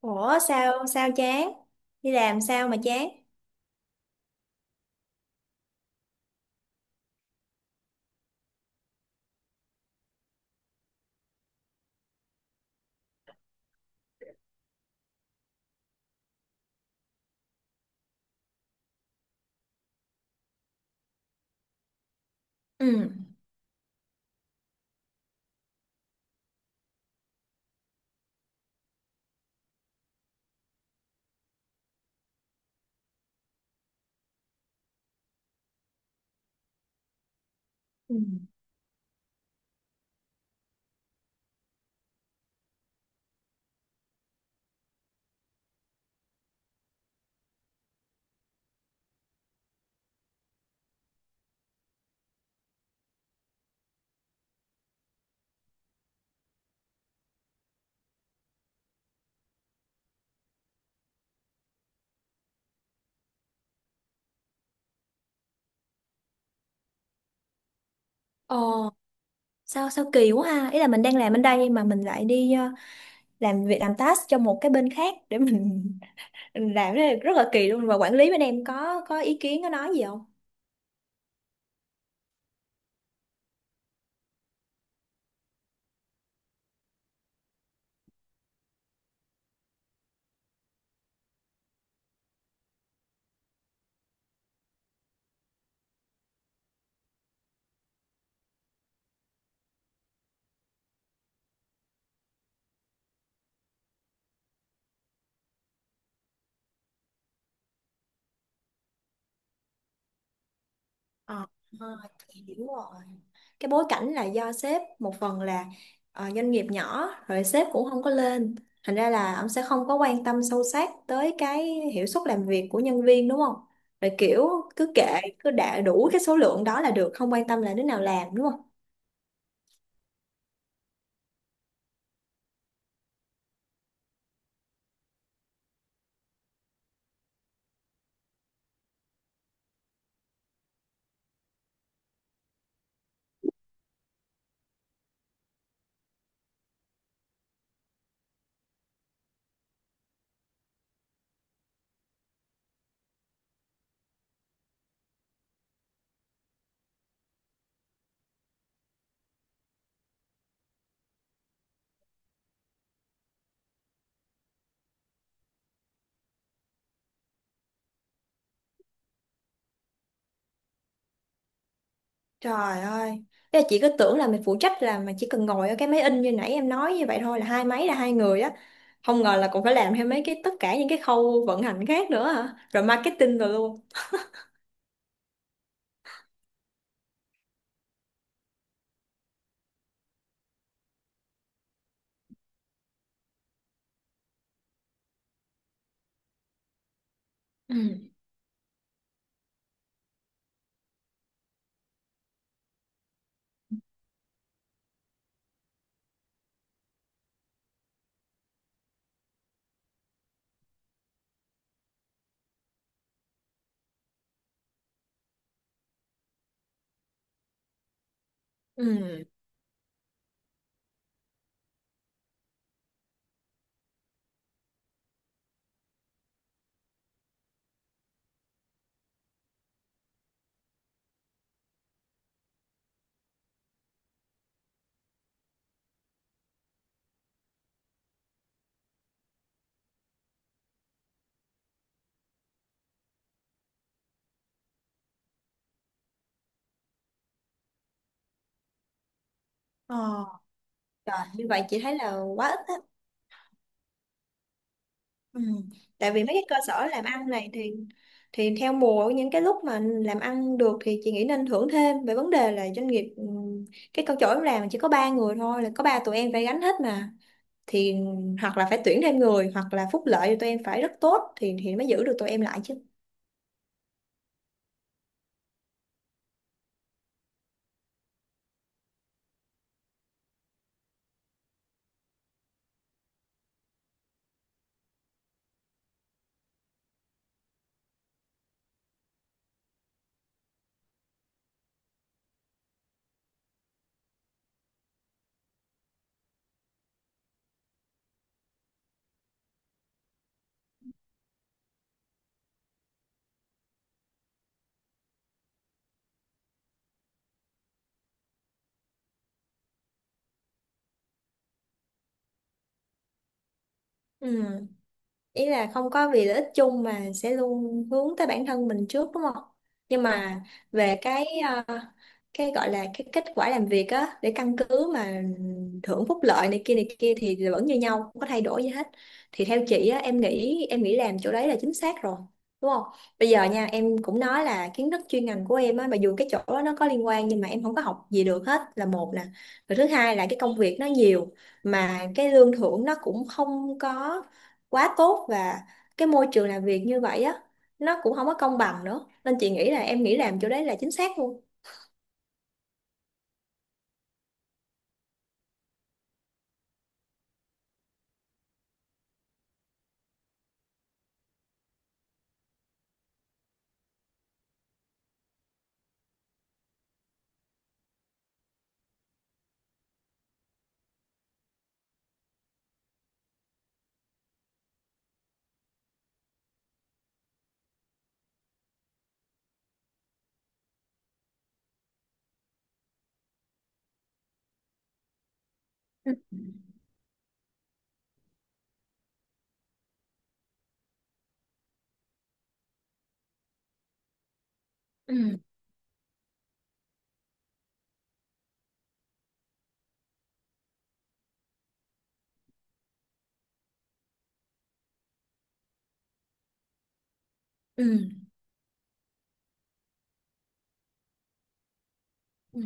Ủa sao sao chán? Đi làm sao mà chán? Ừ. Ừ. Ờ sao sao kỳ quá ha. Ý là mình đang làm bên đây mà mình lại đi làm việc làm task cho một cái bên khác để mình mình làm cái này rất là kỳ luôn, và quản lý bên em có ý kiến có nói gì không? Ờ, ờ, hiểu rồi. Cái bối cảnh là do sếp, một phần là doanh nghiệp nhỏ rồi sếp cũng không có lên, thành ra là ông sẽ không có quan tâm sâu sát tới cái hiệu suất làm việc của nhân viên, đúng không? Rồi kiểu cứ kệ, cứ đạt đủ cái số lượng đó là được, không quan tâm là đứa nào làm, đúng không? Trời ơi, thế là chị cứ tưởng là mình phụ trách là mà chỉ cần ngồi ở cái máy in như nãy em nói như vậy thôi, là hai máy là hai người á, không ngờ là còn phải làm thêm mấy cái, tất cả những cái khâu vận hành khác nữa hả, rồi marketing rồi luôn. Ừ. Ừ. Ờ. Rồi, như vậy chị thấy là quá ít á. Ừ. Tại vì mấy cái cơ sở làm ăn này thì theo mùa, những cái lúc mà làm ăn được thì chị nghĩ nên thưởng thêm. Về vấn đề là doanh nghiệp, ừ, cái câu chỗ em làm chỉ có ba người thôi, là có ba tụi em phải gánh hết mà, thì hoặc là phải tuyển thêm người hoặc là phúc lợi tụi em phải rất tốt thì mới giữ được tụi em lại chứ. Ừ. Ý là không có vì lợi ích chung mà sẽ luôn hướng tới bản thân mình trước, đúng không? Nhưng mà về cái ờ, cái gọi là cái kết quả làm việc á, để căn cứ mà thưởng phúc lợi này kia thì vẫn như nhau, không có thay đổi gì hết, thì theo chị á, em nghĩ làm chỗ đấy là chính xác rồi, đúng không? Bây giờ nha, em cũng nói là kiến thức chuyên ngành của em á, mặc dù cái chỗ đó nó có liên quan nhưng mà em không có học gì được hết là một nè, rồi thứ hai là cái công việc nó nhiều mà cái lương thưởng nó cũng không có quá tốt, và cái môi trường làm việc như vậy á, nó cũng không có công bằng nữa, nên chị nghĩ là em nghĩ làm chỗ đấy là chính xác luôn. Ừ. Ừ. Ừ. Ừ.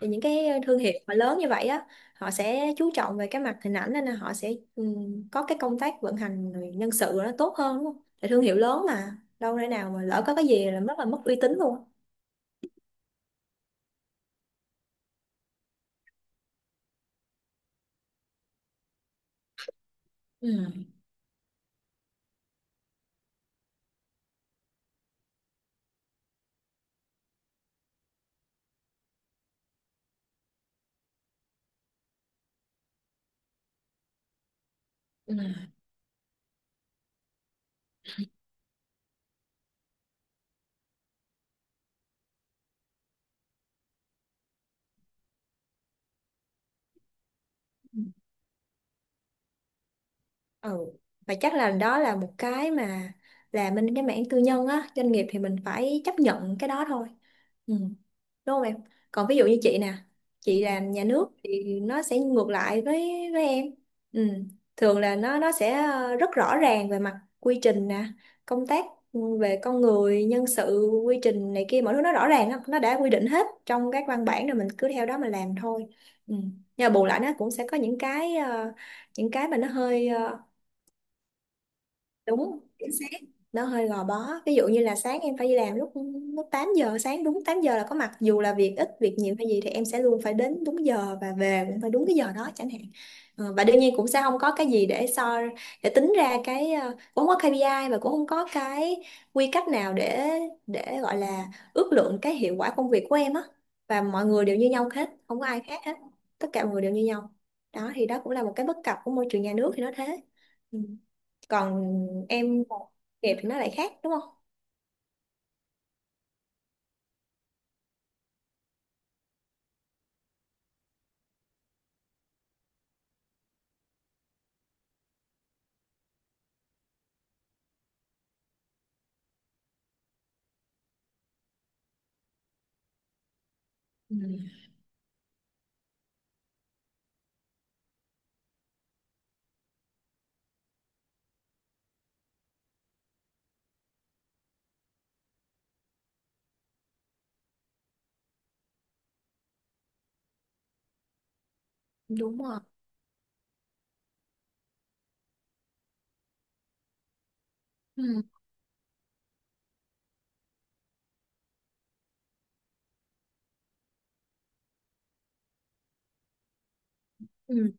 Thì những cái thương hiệu mà lớn như vậy á, họ sẽ chú trọng về cái mặt hình ảnh nên là họ sẽ có cái công tác vận hành rồi nhân sự nó tốt hơn, đúng không? Tại thương hiệu lớn mà đâu thể nào mà lỡ có cái gì là rất là mất uy tín luôn. Ừ. Ừ. Ừ. Ừ. Và chắc là đó là một cái mà làm bên cái mảng tư nhân á, doanh nghiệp thì mình phải chấp nhận cái đó thôi. Ừ. Đúng không em? Còn ví dụ như chị nè, chị làm nhà nước thì nó sẽ ngược lại với em. Ừ. Thường là nó sẽ rất rõ ràng về mặt quy trình nè, công tác, về con người nhân sự quy trình này kia, mọi thứ nó rõ ràng, nó đã quy định hết trong các văn bản rồi, mình cứ theo đó mà làm thôi. Ừ. Nhưng mà bù lại nó cũng sẽ có những cái những cái mà nó hơi đúng, chính xác. Nó hơi gò bó, ví dụ như là sáng em phải đi làm lúc lúc 8 giờ sáng, đúng 8 giờ là có mặt, dù là việc ít việc nhiều hay gì thì em sẽ luôn phải đến đúng giờ, và về cũng phải đúng cái giờ đó chẳng hạn. Ờ, và đương nhiên cũng sẽ không có cái gì để so, để tính ra cái cũng không có KPI, và cũng không có cái quy cách nào để gọi là ước lượng cái hiệu quả công việc của em á, và mọi người đều như nhau hết, không có ai khác hết, tất cả mọi người đều như nhau. Đó thì đó cũng là một cái bất cập của môi trường nhà nước, thì nó thế. Ừ. Còn em đẹp thì nó lại khác đúng không? Ừ. Đúng rồi. Ừ. Ừ.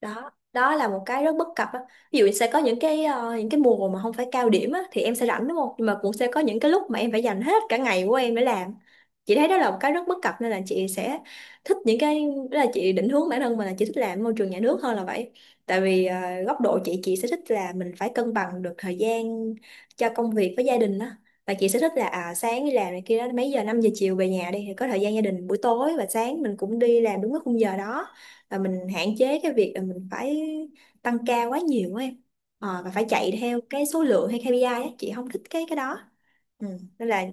Đó đó là một cái rất bất cập á, ví dụ sẽ có những cái những cái mùa mà không phải cao điểm á thì em sẽ rảnh, đúng không, nhưng mà cũng sẽ có những cái lúc mà em phải dành hết cả ngày của em để làm. Chị thấy đó là một cái rất bất cập, nên là chị sẽ thích những cái, đó là chị định hướng bản thân mình là chị thích làm môi trường nhà nước hơn là vậy. Tại vì góc độ chị sẽ thích là mình phải cân bằng được thời gian cho công việc với gia đình á, và chị sẽ thích là à, sáng đi làm này kia đó mấy giờ, 5 giờ chiều về nhà đi, thì có thời gian gia đình buổi tối, và sáng mình cũng đi làm đúng cái khung giờ đó, và mình hạn chế cái việc là mình phải tăng ca quá nhiều á em. Ờ, và phải chạy theo cái số lượng hay KPI á, chị không thích cái đó. Ừ. Nên là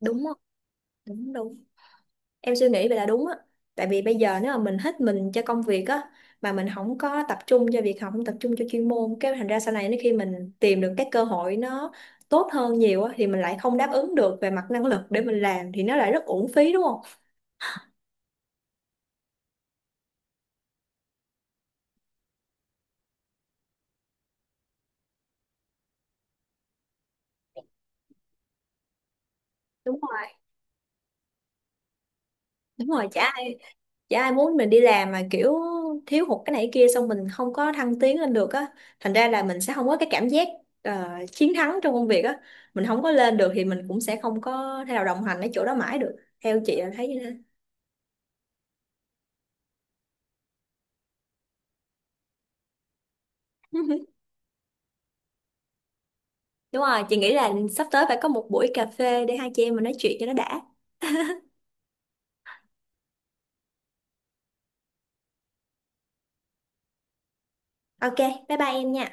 đúng không, đúng đúng, em suy nghĩ vậy là đúng á. Tại vì bây giờ nếu mà mình hết mình cho công việc á, mà mình không có tập trung cho việc học, không tập trung cho chuyên môn, cái thành ra sau này nếu khi mình tìm được các cơ hội nó tốt hơn nhiều á, thì mình lại không đáp ứng được về mặt năng lực để mình làm, thì nó lại rất uổng phí, đúng không? Đúng rồi, đúng rồi, chả chả ai muốn mình đi làm mà kiểu thiếu hụt cái này cái kia xong mình không có thăng tiến lên được á, thành ra là mình sẽ không có cái cảm giác chiến thắng trong công việc á, mình không có lên được thì mình cũng sẽ không có thể nào đồng hành ở chỗ đó mãi được, theo chị là thấy như thế. Đúng rồi, chị nghĩ là sắp tới phải có một buổi cà phê để hai chị em mình nói chuyện cho nó đã. Ok, bye bye em nha.